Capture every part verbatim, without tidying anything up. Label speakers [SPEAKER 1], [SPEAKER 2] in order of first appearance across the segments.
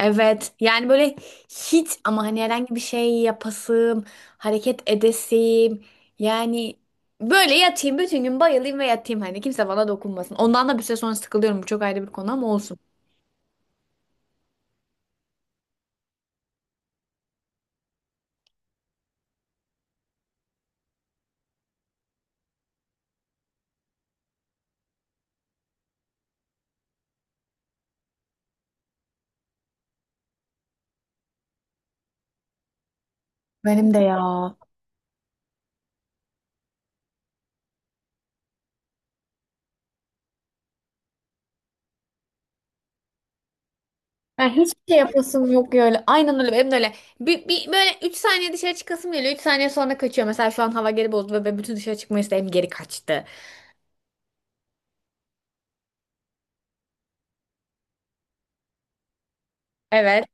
[SPEAKER 1] Evet yani böyle hiç ama hani herhangi bir şey yapasım, hareket edesim yani böyle yatayım bütün gün bayılayım ve yatayım hani kimse bana dokunmasın. Ondan da bir süre sonra sıkılıyorum, bu çok ayrı bir konu ama olsun. Benim de ya. Ben hiçbir şey yapasım yok ya öyle. Aynen öyle, benim de öyle. Bir, bir- böyle üç saniye dışarı çıkasım geliyor, üç saniye sonra kaçıyor. Mesela şu an hava geri bozdu ve ben bütün dışarı çıkma isteğim geri kaçtı. Evet,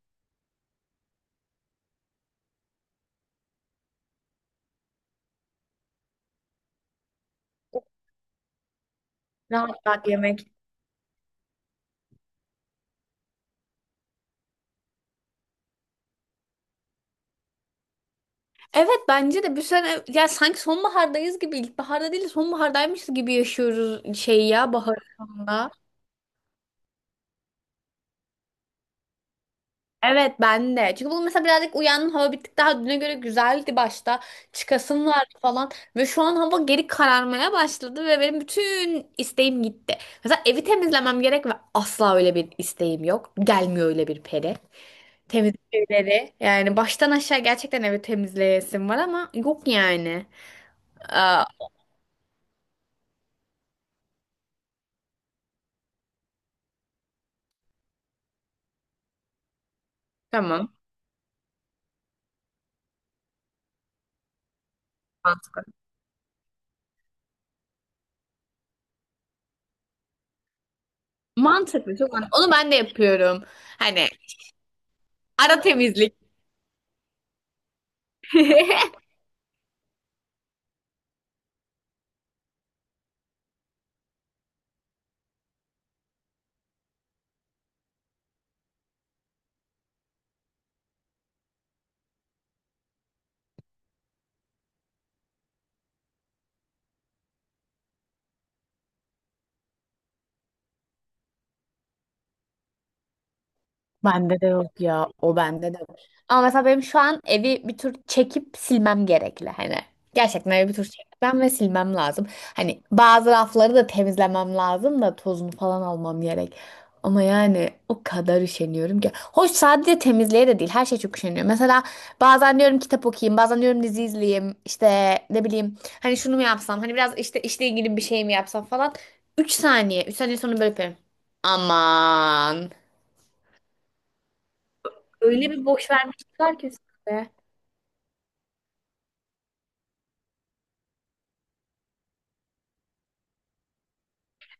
[SPEAKER 1] rahat rahat yemek. Evet, bence de bir sene ya sanki sonbahardayız gibi, ilkbaharda değil de sonbahardaymışız gibi yaşıyoruz şeyi ya, bahar sonunda. Evet, ben de. Çünkü bu, mesela birazcık uyandım, hava bir tık daha düne göre güzeldi başta. Çıkasım vardı falan. Ve şu an hava geri kararmaya başladı ve benim bütün isteğim gitti. Mesela evi temizlemem gerek ve asla öyle bir isteğim yok. Gelmiyor öyle bir peri. Temizlik şeyleri. Yani baştan aşağı gerçekten evi temizleyesim var ama yok yani. Aa, tamam. Mantıklı, çok mantıklı. Onu ben de yapıyorum. Hani ara temizlik. Bende de yok ya. O bende de var. Ama mesela benim şu an evi bir tur çekip silmem gerekli hani. Gerçekten evi bir tur çekmem ve silmem lazım. Hani bazı rafları da temizlemem lazım da tozunu falan almam gerek. Ama yani o kadar üşeniyorum ki. Hoş sadece temizliğe de değil. Her şey çok üşeniyor. Mesela bazen diyorum kitap okuyayım. Bazen diyorum dizi izleyeyim. İşte ne bileyim. Hani şunu mu yapsam? Hani biraz işte işle ilgili bir şey mi yapsam falan. Üç saniye. Üç saniye sonra böyle yapıyorum. Aman. Öyle bir boş vermişler ki size.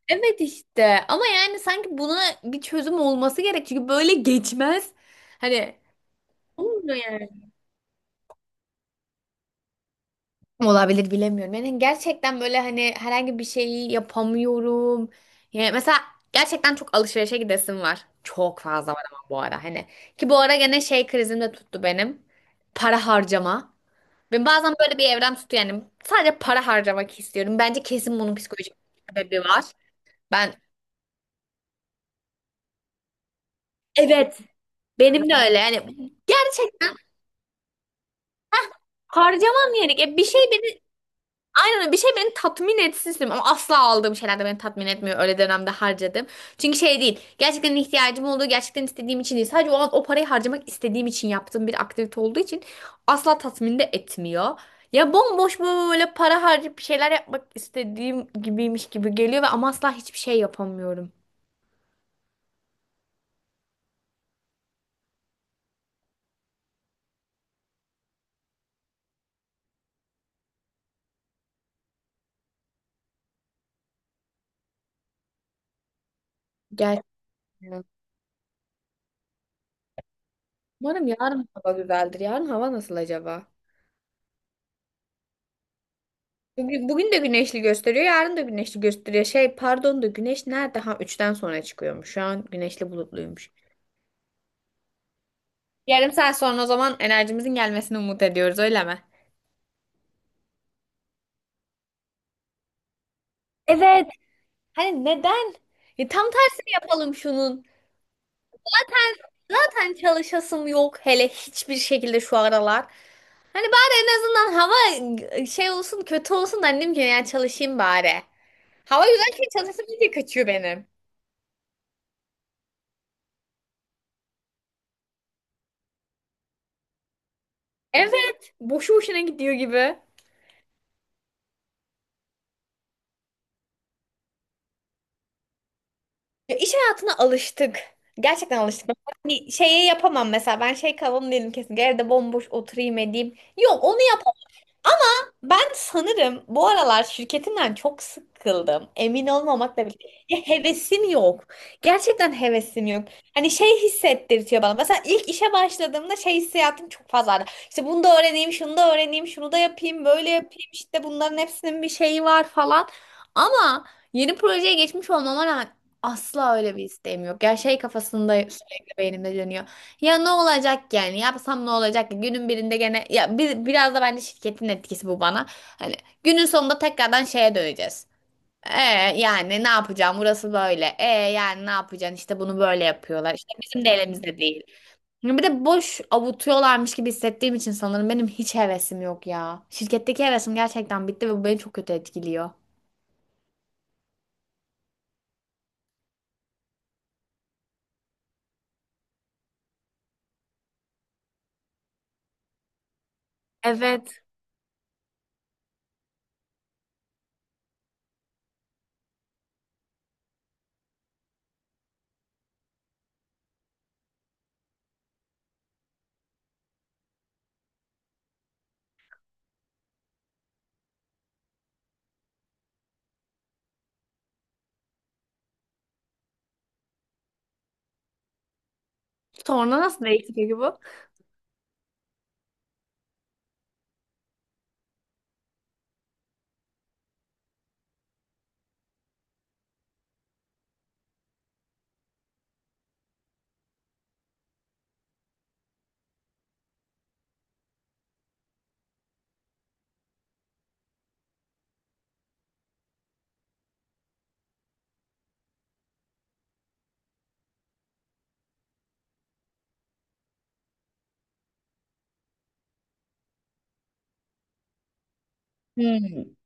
[SPEAKER 1] Evet işte, ama yani sanki buna bir çözüm olması gerek çünkü böyle geçmez. Hani olmuyor yani. Olabilir, bilemiyorum. Yani gerçekten böyle hani herhangi bir şeyi yapamıyorum. Yani mesela gerçekten çok alışverişe gidesim var. Çok fazla var ama bu ara hani. Ki bu ara gene şey krizim de tuttu benim. Para harcama. Ben bazen böyle bir evrem tutuyor yani. Sadece para harcamak istiyorum. Bence kesin bunun psikolojik bir sebebi var. Ben evet, benim de öyle yani, gerçekten harcamam yani. E, bir şey beni, aynen öyle, bir şey beni tatmin etsin istiyorum ama asla aldığım şeyler de beni tatmin etmiyor, öyle dönemde harcadım. Çünkü şey değil, gerçekten ihtiyacım olduğu, gerçekten istediğim için değil, sadece o an o parayı harcamak istediğim için, yaptığım bir aktivite olduğu için asla tatmin de etmiyor. Ya bomboş böyle para harcayıp bir şeyler yapmak istediğim gibiymiş gibi geliyor ve ama asla hiçbir şey yapamıyorum. Gerçekten. Umarım yarın hava güzeldir. Yarın hava nasıl acaba? Bugün, bugün de güneşli gösteriyor, yarın da güneşli gösteriyor. Şey, pardon da güneş nerede? Ha, üçten sonra çıkıyormuş. Şu an güneşli bulutluymuş. Yarım saat sonra o zaman enerjimizin gelmesini umut ediyoruz, öyle mi? Evet. Hani neden? Ya tam tersini yapalım şunun. Zaten çalışasım yok hele, hiçbir şekilde şu aralar. Hani bari en azından hava şey olsun, kötü olsun da annem ki yani çalışayım bari. Hava güzelken çalışasım iyice kaçıyor benim. Evet. Boşu boşuna gidiyor gibi. Ya iş hayatına alıştık. Gerçekten alıştık. Ben hani şeyi yapamam mesela. Ben şey kavramı değilim kesin. Evde bomboş oturayım edeyim. Yok onu yap, ben sanırım bu aralar şirketimden çok sıkıldım. Emin olmamakla birlikte. Ya hevesim yok. Gerçekten hevesim yok. Hani şey hissettirtiyor bana. Mesela ilk işe başladığımda şey hissiyatım çok fazlaydı. İşte bunu da öğreneyim, şunu da öğreneyim, şunu da yapayım, böyle yapayım. İşte bunların hepsinin bir şeyi var falan. Ama yeni projeye geçmiş olmama rağmen asla öyle bir isteğim yok. Yani şey kafasında sürekli beynimde dönüyor. Ya ne olacak ki yani? Yapsam ne olacak ki? Günün birinde gene ya bir, biraz da bence şirketin etkisi bu bana. Hani günün sonunda tekrardan şeye döneceğiz. E yani ne yapacağım? Burası böyle. E yani ne yapacaksın? İşte bunu böyle yapıyorlar. İşte bizim de elimizde değil. Yani bir de boş avutuyorlarmış gibi hissettiğim için sanırım benim hiç hevesim yok ya. Şirketteki hevesim gerçekten bitti ve bu beni çok kötü etkiliyor. Evet. Sonra nasıl değişti peki bu? Hmm.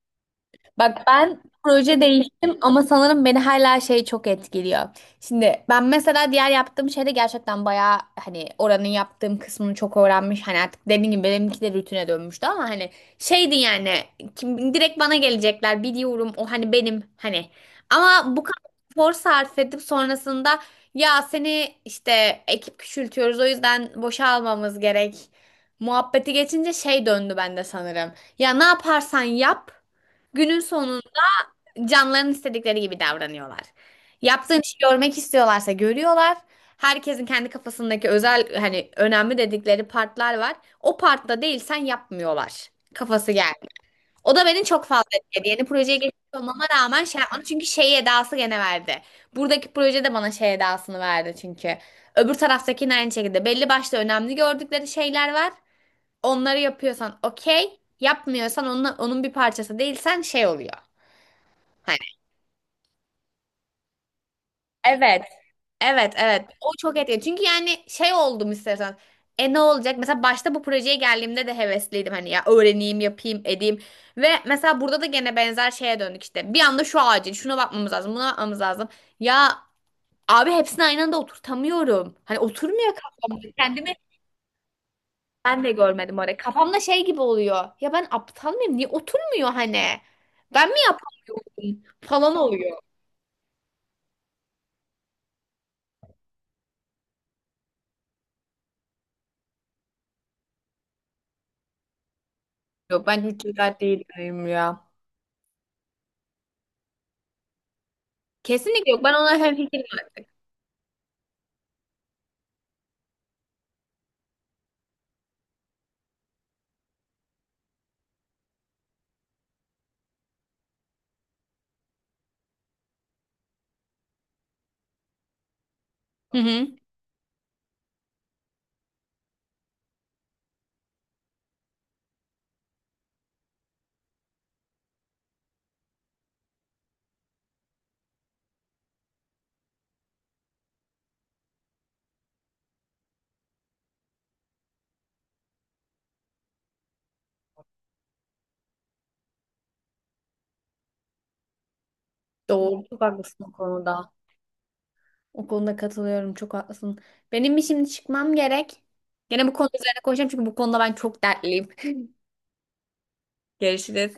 [SPEAKER 1] Bak, ben proje değiştim ama sanırım beni hala şey çok etkiliyor. Şimdi ben mesela diğer yaptığım şeyde gerçekten bayağı hani oranın yaptığım kısmını çok öğrenmiş. Hani artık dediğim gibi benimki de rutine dönmüştü ama hani şeydi yani, kim direkt bana gelecekler biliyorum, o hani benim hani. Ama bu kadar efor sarf edip sonrasında ya seni işte ekip küçültüyoruz, o yüzden boşa almamız gerek muhabbeti geçince şey döndü bende sanırım. Ya ne yaparsan yap, günün sonunda canların istedikleri gibi davranıyorlar. Yaptığın işi görmek istiyorlarsa görüyorlar. Herkesin kendi kafasındaki özel hani önemli dedikleri partlar var. O partta değilsen yapmıyorlar. Kafası geldi. O da beni çok fazla etkiledi. Yeni projeye geçmiş olmama rağmen şey yapmadım. Çünkü şey edası gene verdi. Buradaki proje de bana şey edasını verdi çünkü. Öbür taraftakinin aynı şekilde. Belli başlı önemli gördükleri şeyler var. Onları yapıyorsan okey. Yapmıyorsan, onun, onun bir parçası değilsen şey oluyor. Evet. Evet, evet. O çok etkili. Çünkü yani şey oldum istersen. E ne olacak? Mesela başta bu projeye geldiğimde de hevesliydim hani ya öğreneyim, yapayım, edeyim. Ve mesela burada da gene benzer şeye döndük işte. Bir anda şu acil, şuna bakmamız lazım, buna bakmamız lazım. Ya abi hepsini aynı anda oturtamıyorum. Hani oturmuyor kafamda. Kendimi ben de görmedim oraya. Kafamda şey gibi oluyor. Ya ben aptal mıyım? Niye oturmuyor hani? Ben mi yapamıyorum? Falan oluyor. Yok, ben hiç güzel değilim ya. Kesinlikle yok. Ben ona hemfikirim artık. Hı hı. Doğru. Çok haklısın o konuda. O konuda katılıyorum. Çok haklısın. Benim bir şimdi çıkmam gerek. Gene bu konu üzerine konuşacağım çünkü bu konuda ben çok dertliyim. Görüşürüz.